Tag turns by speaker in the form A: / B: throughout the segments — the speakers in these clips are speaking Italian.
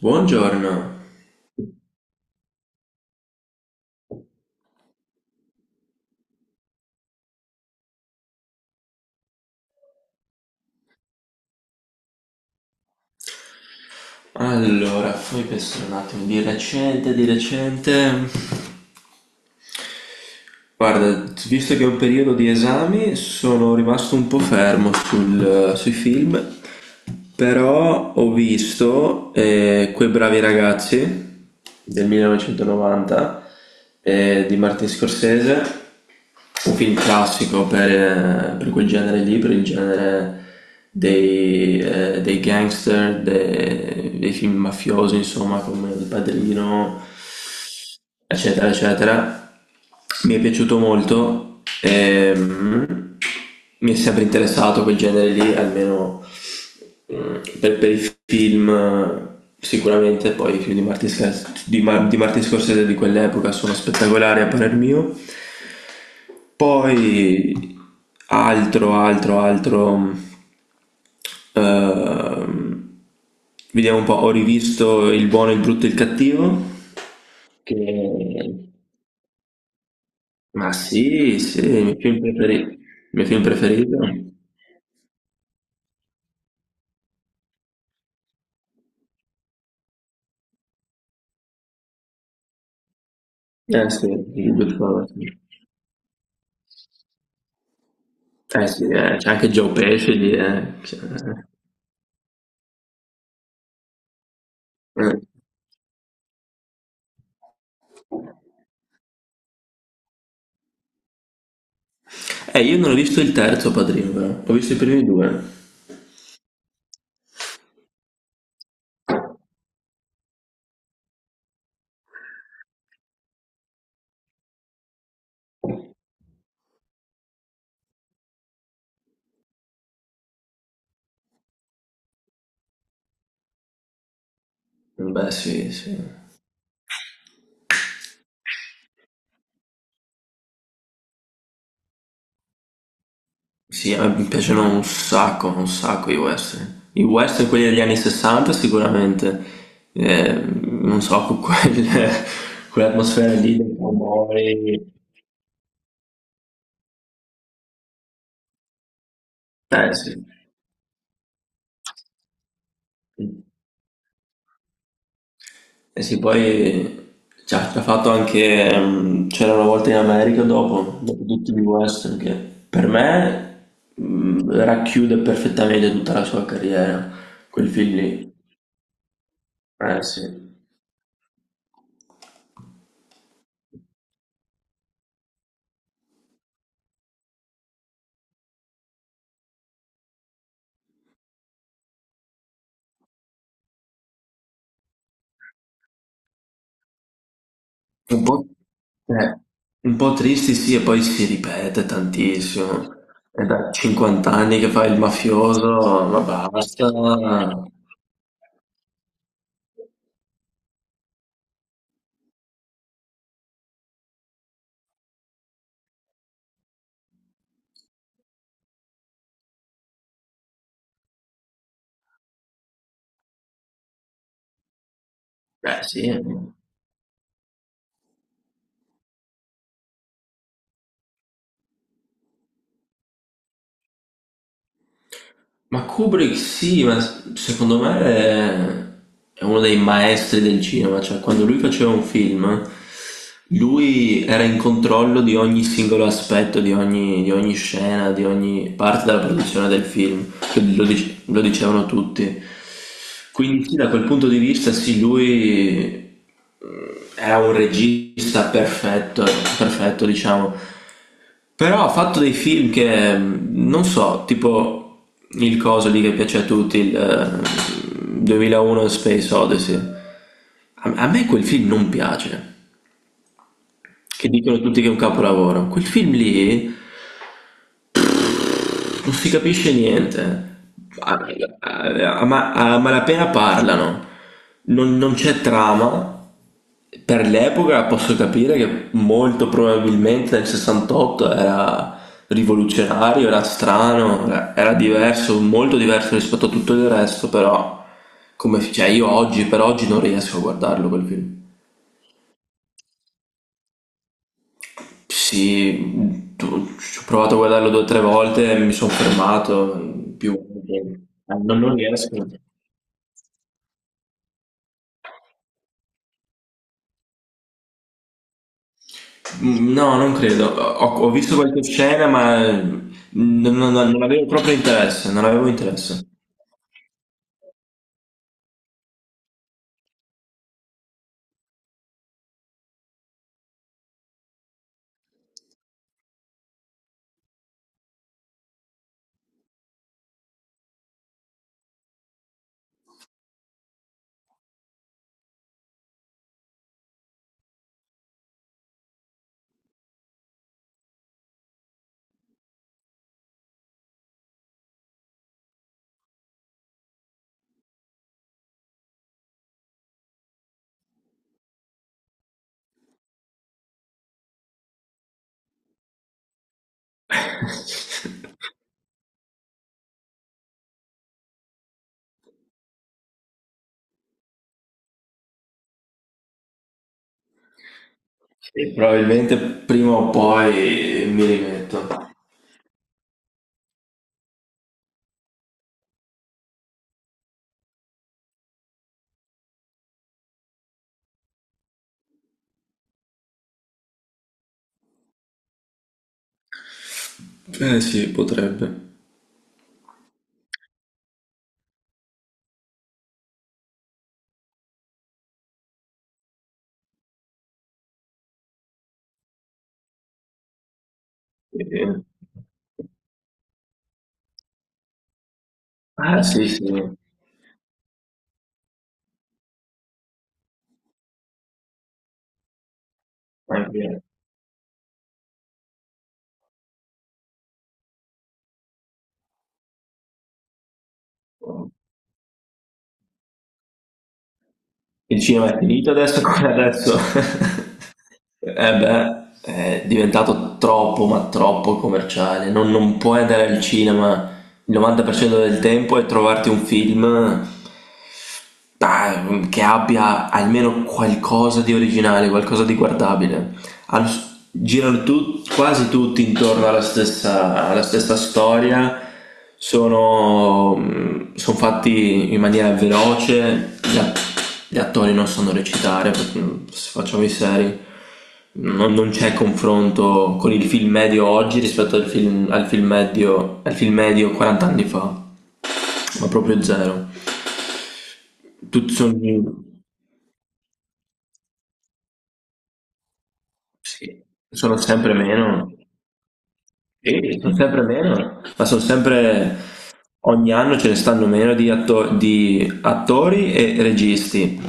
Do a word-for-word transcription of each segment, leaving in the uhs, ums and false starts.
A: Buongiorno. Allora, fammi pensare un attimo, di recente, di recente... Guarda, visto che è un periodo di esami, sono rimasto un po' fermo sul- sui film, però ho visto eh, Quei bravi ragazzi del millenovecentonovanta, eh, di Martin Scorsese, un film classico per, eh, per quel genere lì, per il genere dei, eh, dei gangster, de- dei film mafiosi, insomma, come Il Padrino, eccetera, eccetera. Mi è piaciuto molto, ehm, mi è sempre interessato quel genere lì, almeno mm, per, per i film eh, sicuramente. Poi i film di Martin, Scorsese- di Ma- di Martin Scorsese di quell'epoca sono spettacolari a parer mio. Poi altro, altro, altro... mm, ehm, vediamo un po', ho rivisto Il buono, il brutto e il cattivo, che ma sì, sì, il mio film preferito. Il mio film preferito? Eh sì, il Goodfellas. Eh sì, eh, c'è anche Joe Pesci lì, eh. Cioè, eh. Eh, io non ho visto il terzo Padrino, però. Ho visto i primi due. Beh, sì, sì. Sì, eh, mi piacciono un sacco, un sacco i western. I western, quelli degli anni sessanta sicuramente. Eh, non so, con quelle- quell'atmosfera lì dei cowboy. Eh sì. Eh sì, poi ci ha ci ha fatto anche, ehm, c'era una volta in America dopo, dopo tutti gli western, che per me mm, racchiude perfettamente tutta la sua carriera, quel film lì. Eh sì. Un po', eh, un po' tristi sì, e poi si ripete tantissimo. È da cinquanta anni che fa il mafioso, ma basta. Eh sì. Ma Kubrick sì, ma s- secondo me è, è uno dei maestri del cinema, cioè quando lui faceva un film, lui era in controllo di ogni singolo aspetto, di ogni, di ogni scena, di ogni parte della produzione del film. Cioè, Lo dice lo dicevano tutti. Quindi sì, da quel punto di vista sì, lui mm, è un regista perfetto, perfetto diciamo. Però ha fatto dei film che, mm, non so, tipo il coso lì che piace a tutti, il eh, duemilauno Space Odyssey. A, a me quel film non piace, che dicono tutti che è un capolavoro. Quel film lì non si capisce niente. A, a- a ma- a malapena parlano. Non, non c'è trama. Per l'epoca posso capire che molto probabilmente nel sessantotto era rivoluzionario, era strano, era, era diverso, molto diverso rispetto a tutto il resto, però come, cioè io oggi per oggi non riesco a guardarlo quel film. Sì, tu- ci ho provato a guardarlo due o tre volte e mi sono fermato. Più, eh, non, non riesco. Mm, No, non credo. Ho, ho visto qualche scena, ma mm, non, non- non avevo proprio interesse, non avevo interesse. E probabilmente prima o poi mi rimetto. Eh sì, potrebbe. Eh, ah sì, sì. Anche il cinema è finito adesso come adesso. Eh beh, è diventato troppo, ma troppo commerciale. Non, non puoi andare al cinema il novanta per cento del tempo e trovarti un film. Ah, mm, che abbia almeno qualcosa di originale, qualcosa di guardabile. Hanno s- girano tu- quasi tutti intorno alla stessa, alla stessa storia, sono, mm, sono fatti in maniera veloce, gli, a- gli attori non sanno recitare, perché, mm, se facciamo i seri, non, non c'è confronto con il film medio oggi rispetto al film, al film medio, al film medio quaranta anni fa, ma proprio zero. Tutti sono sì, sono sempre meno. Sì, sono sempre meno, ma sono sempre ogni anno ce ne stanno meno di, atto- di attori e registi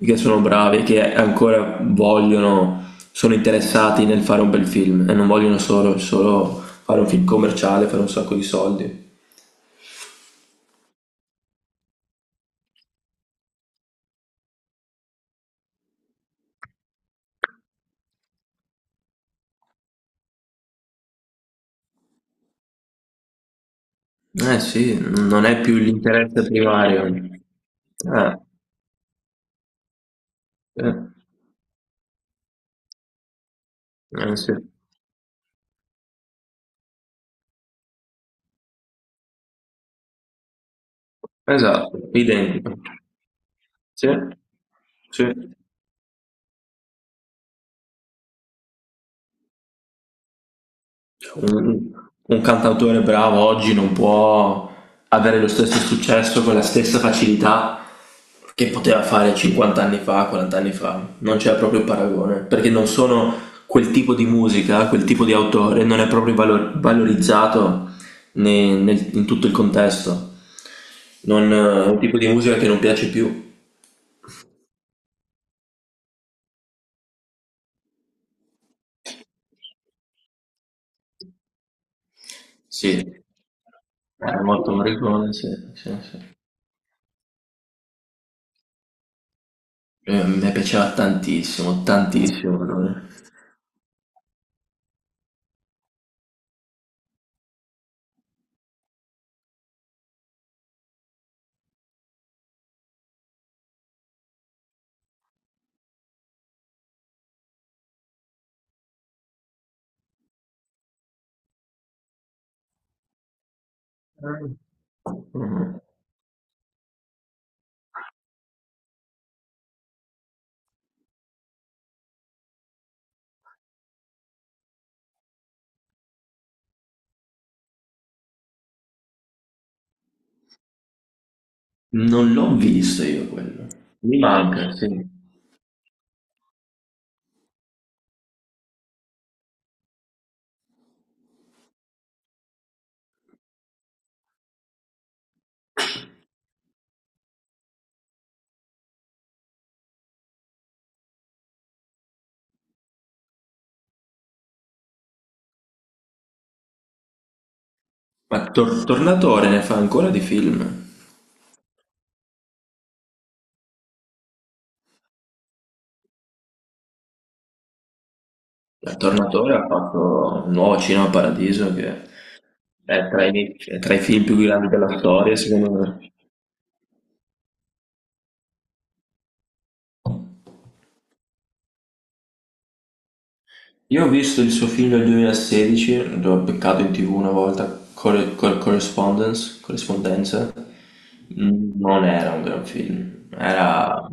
A: che sono bravi, che ancora vogliono, sono interessati nel fare un bel film e non vogliono solo, solo fare un film commerciale, fare un sacco di soldi. Eh sì, non è più l'interesse primario. Eh, eh, eh sì. Esatto, identico. Sì, sì. Un, un cantautore bravo oggi non può avere lo stesso successo con la stessa facilità che poteva fare cinquanta anni fa, quaranta anni fa. Non c'è proprio paragone, perché non sono quel tipo di musica, quel tipo di autore, non è proprio valo- valorizzato ne- nel- in tutto il contesto. Non, eh, è un tipo di musica che non piace più. Sì. Era molto Morricone, sì, sì, sì. Eh, mi piaceva tantissimo, tantissimo. Allora. Mm. Non l'ho visto io quello. Mi manca, sì. Ma Tor- Tornatore ne fa ancora di film. La Tornatore ha fatto un nuovo Cinema Paradiso che è tra i, è tra i film più grandi della storia, secondo me. Io ho visto il suo film del duemilasedici, l'ho beccato in T V una volta, Corre- Cor- Correspondence, Corrispondenza. Mm, Non era un gran film, era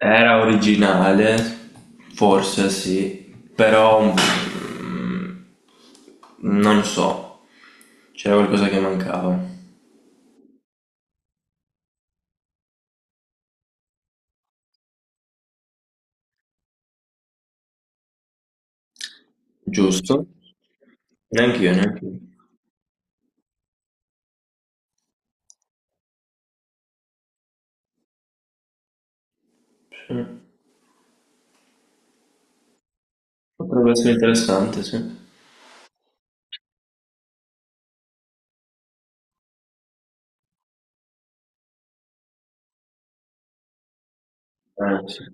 A: era originale, forse sì, però mm, non so, c'era qualcosa che mancava, giusto? Neanche io, neanche io. Sì. Potrebbe essere interessante, sì. Eh, sì.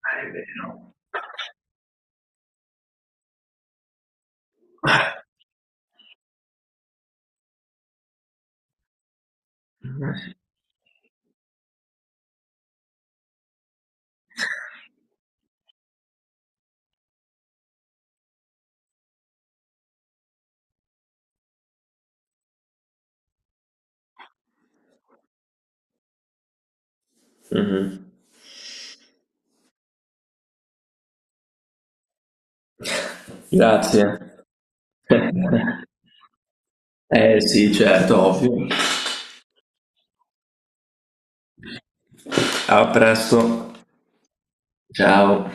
A: È vero. Mhm. Grazie. Eh sì, certo, ovvio. A presto. Ciao.